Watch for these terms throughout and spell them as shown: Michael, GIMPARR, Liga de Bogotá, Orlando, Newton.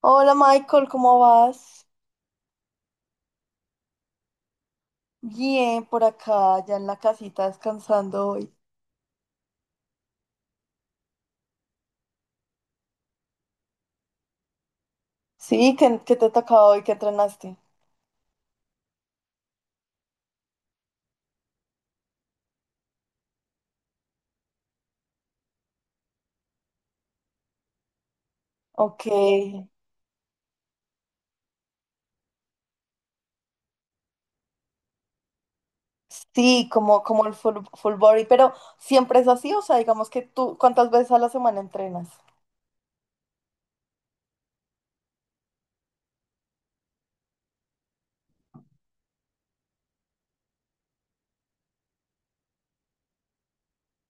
Hola Michael, ¿cómo vas? Bien, por acá, ya en la casita descansando hoy. Sí, ¿qué te tocaba hoy? ¿Qué entrenaste? Ok, sí, como el full body, pero ¿siempre es así? O sea, digamos que tú, ¿cuántas veces a la semana entrenas?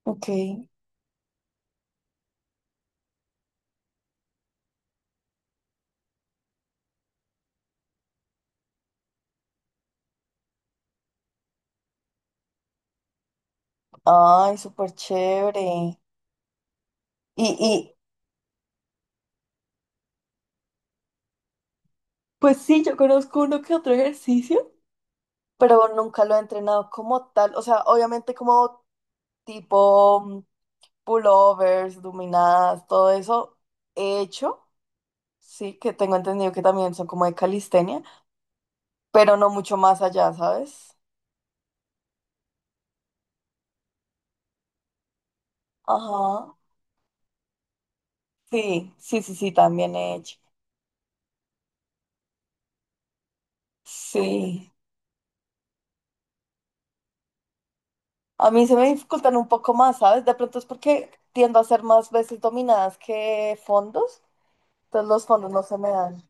Ok, ay, súper chévere. Y pues sí, yo conozco uno que otro ejercicio, pero nunca lo he entrenado como tal. O sea, obviamente como tipo pullovers, luminadas, todo eso hecho, sí, que tengo entendido que también son como de calistenia, pero no mucho más allá, ¿sabes? Ajá. Sí, sí, sí, sí, también he hecho. Sí. A mí se me dificultan un poco más, ¿sabes? De pronto es porque tiendo a hacer más veces dominadas que fondos, entonces los fondos no se me dan.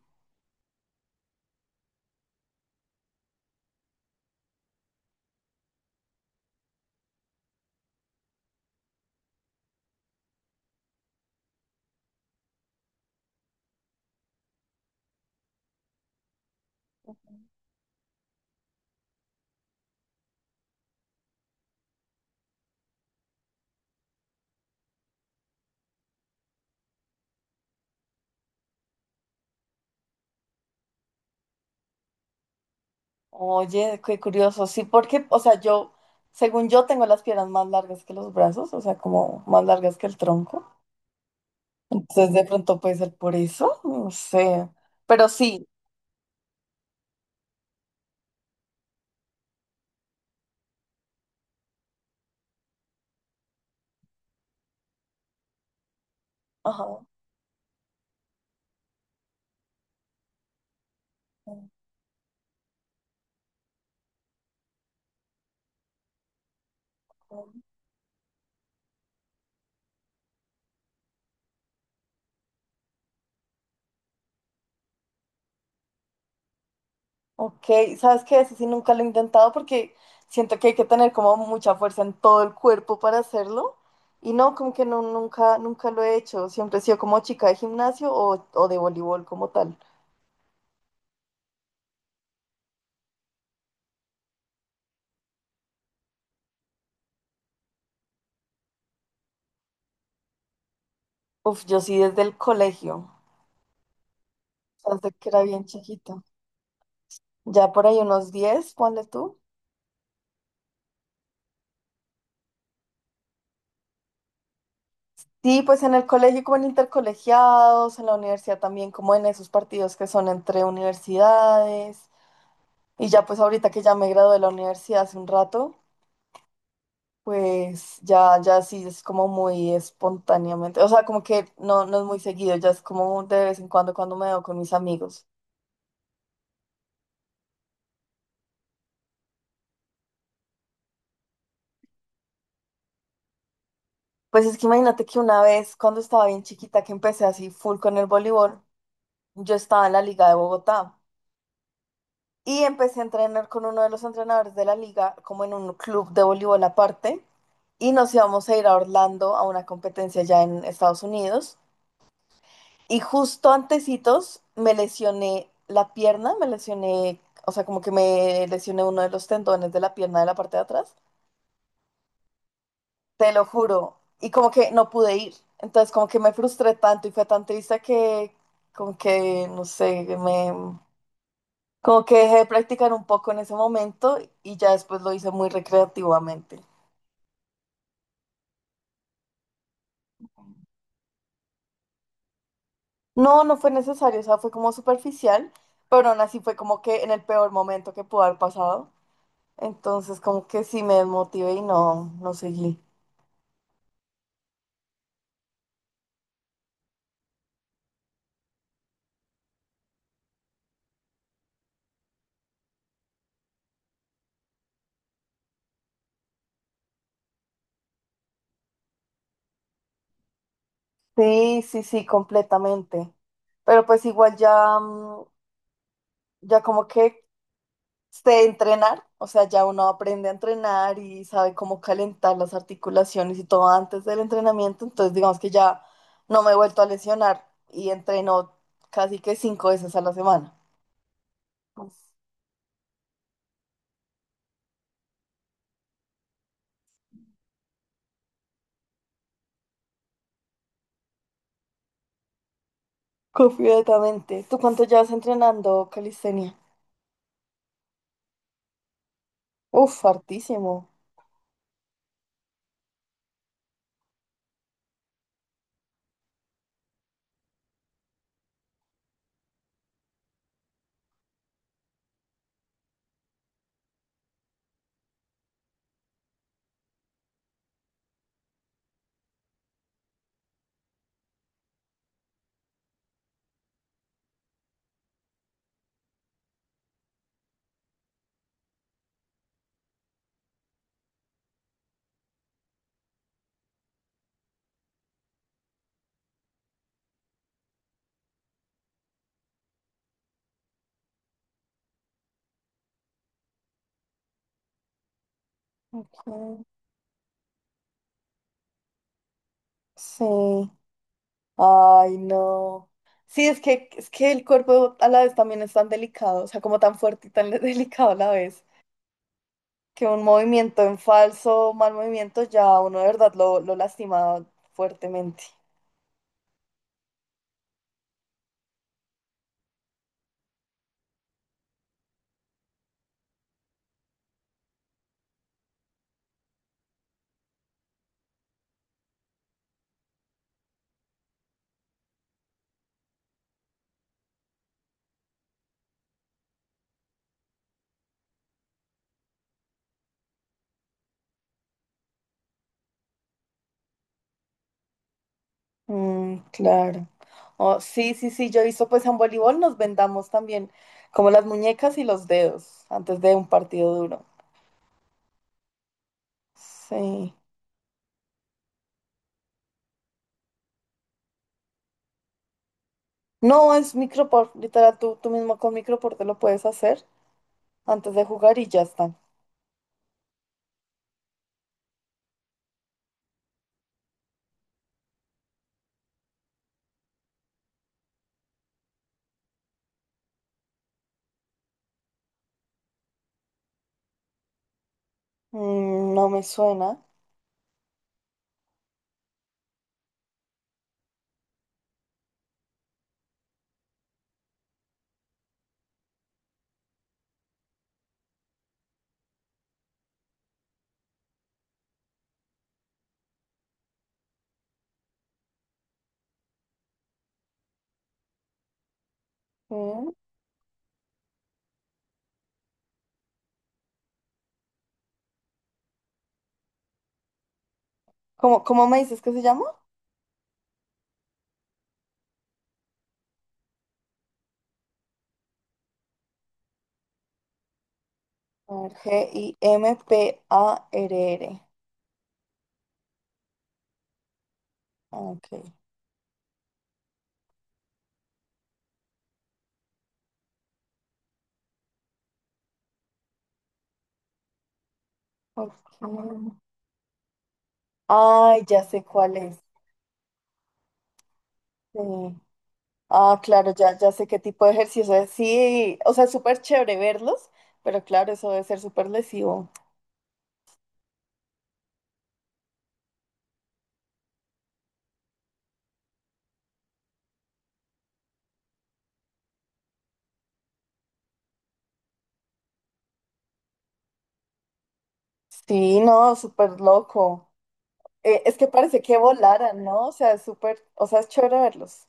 Oye, qué curioso. Sí, porque, o sea, yo, según yo, tengo las piernas más largas que los brazos, o sea, como más largas que el tronco. Entonces de pronto puede ser por eso, no sé. Pero sí. Ajá. Ok, ¿sabes qué? Eso sí nunca lo he intentado porque siento que hay que tener como mucha fuerza en todo el cuerpo para hacerlo. Y no, como que no, nunca, nunca lo he hecho. Siempre he sido como chica de gimnasio o de voleibol como tal. Uf, yo sí desde el colegio. Desde que era bien chiquita. Ya por ahí unos 10 ponle tú. Sí, pues en el colegio como en intercolegiados, en la universidad también como en esos partidos que son entre universidades. Y ya pues ahorita que ya me gradué de la universidad hace un rato, pues ya sí es como muy espontáneamente. O sea, como que no, no es muy seguido, ya es como de vez en cuando cuando me veo con mis amigos. Pues es que imagínate que una vez cuando estaba bien chiquita que empecé así full con el voleibol, yo estaba en la Liga de Bogotá. Y empecé a entrenar con uno de los entrenadores de la liga, como en un club de voleibol aparte, y nos íbamos a ir a Orlando a una competencia ya en Estados Unidos. Y justo antecitos me lesioné la pierna, o sea, como que me lesioné uno de los tendones de la pierna de la parte de atrás, te lo juro, y como que no pude ir. Entonces como que me frustré tanto y fue tan triste que como que, no sé. Como que dejé de practicar un poco en ese momento y ya después lo hice muy recreativamente. No, no fue necesario, o sea, fue como superficial, pero aún así fue como que en el peor momento que pudo haber pasado. Entonces como que sí me desmotivé y no, no seguí. Sí, sí, sí, completamente. Pero pues igual ya como que sé entrenar, o sea, ya uno aprende a entrenar y sabe cómo calentar las articulaciones y todo antes del entrenamiento, entonces digamos que ya no me he vuelto a lesionar y entreno casi que 5 veces a la semana. Completamente. ¿Tú cuánto llevas entrenando calistenia? Uf, hartísimo. Mm. Sí. Ay, no. Sí, es que el cuerpo a la vez también es tan delicado, o sea, como tan fuerte y tan delicado a la vez. Que un movimiento en falso, mal movimiento, ya uno de verdad lo lastima fuertemente. Mm, claro. Oh, sí, sí, sí, yo he visto pues en voleibol nos vendamos también como las muñecas y los dedos antes de un partido duro. Sí. No, es micropor, literal, tú mismo con micropor te lo puedes hacer antes de jugar y ya está. Mm, no me suena. Mm. ¿Cómo me dices que se llama? A ver, GIMPARR. Ok. Ok. Ay, ya sé cuál es. Sí. Ah, claro, ya sé qué tipo de ejercicio es. Sí, o sea, es súper chévere verlos, pero claro, eso debe ser súper lesivo. Sí, no, súper loco. Es que parece que volaran, ¿no? O sea, es súper, o sea, es chévere verlos.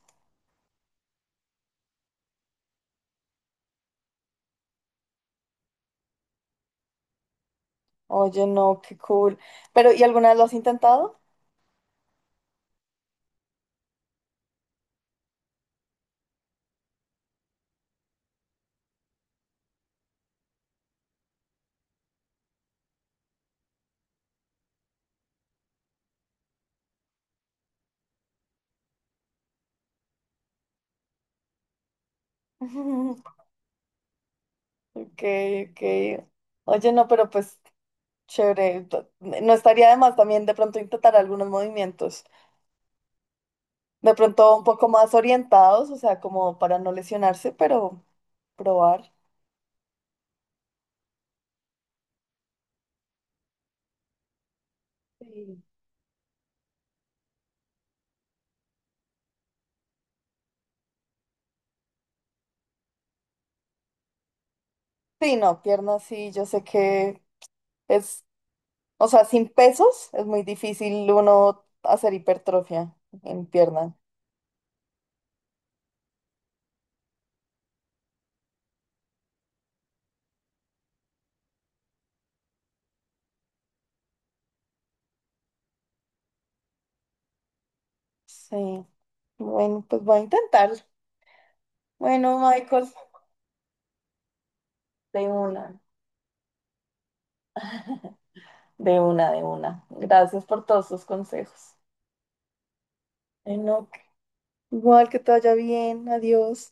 Oye, no, qué cool. Pero ¿y alguna vez lo has intentado? Ok, ok. Oye, no, pero pues chévere. No estaría de más también de pronto intentar algunos movimientos. De pronto un poco más orientados, o sea, como para no lesionarse, pero probar. Sí. Sí, no, piernas sí, yo sé que es, o sea, sin pesos es muy difícil uno hacer hipertrofia en pierna. Sí, bueno, pues voy a intentar. Bueno, Michael, de una, de una, de una. Gracias por todos tus consejos. Bueno, igual que te vaya bien, adiós.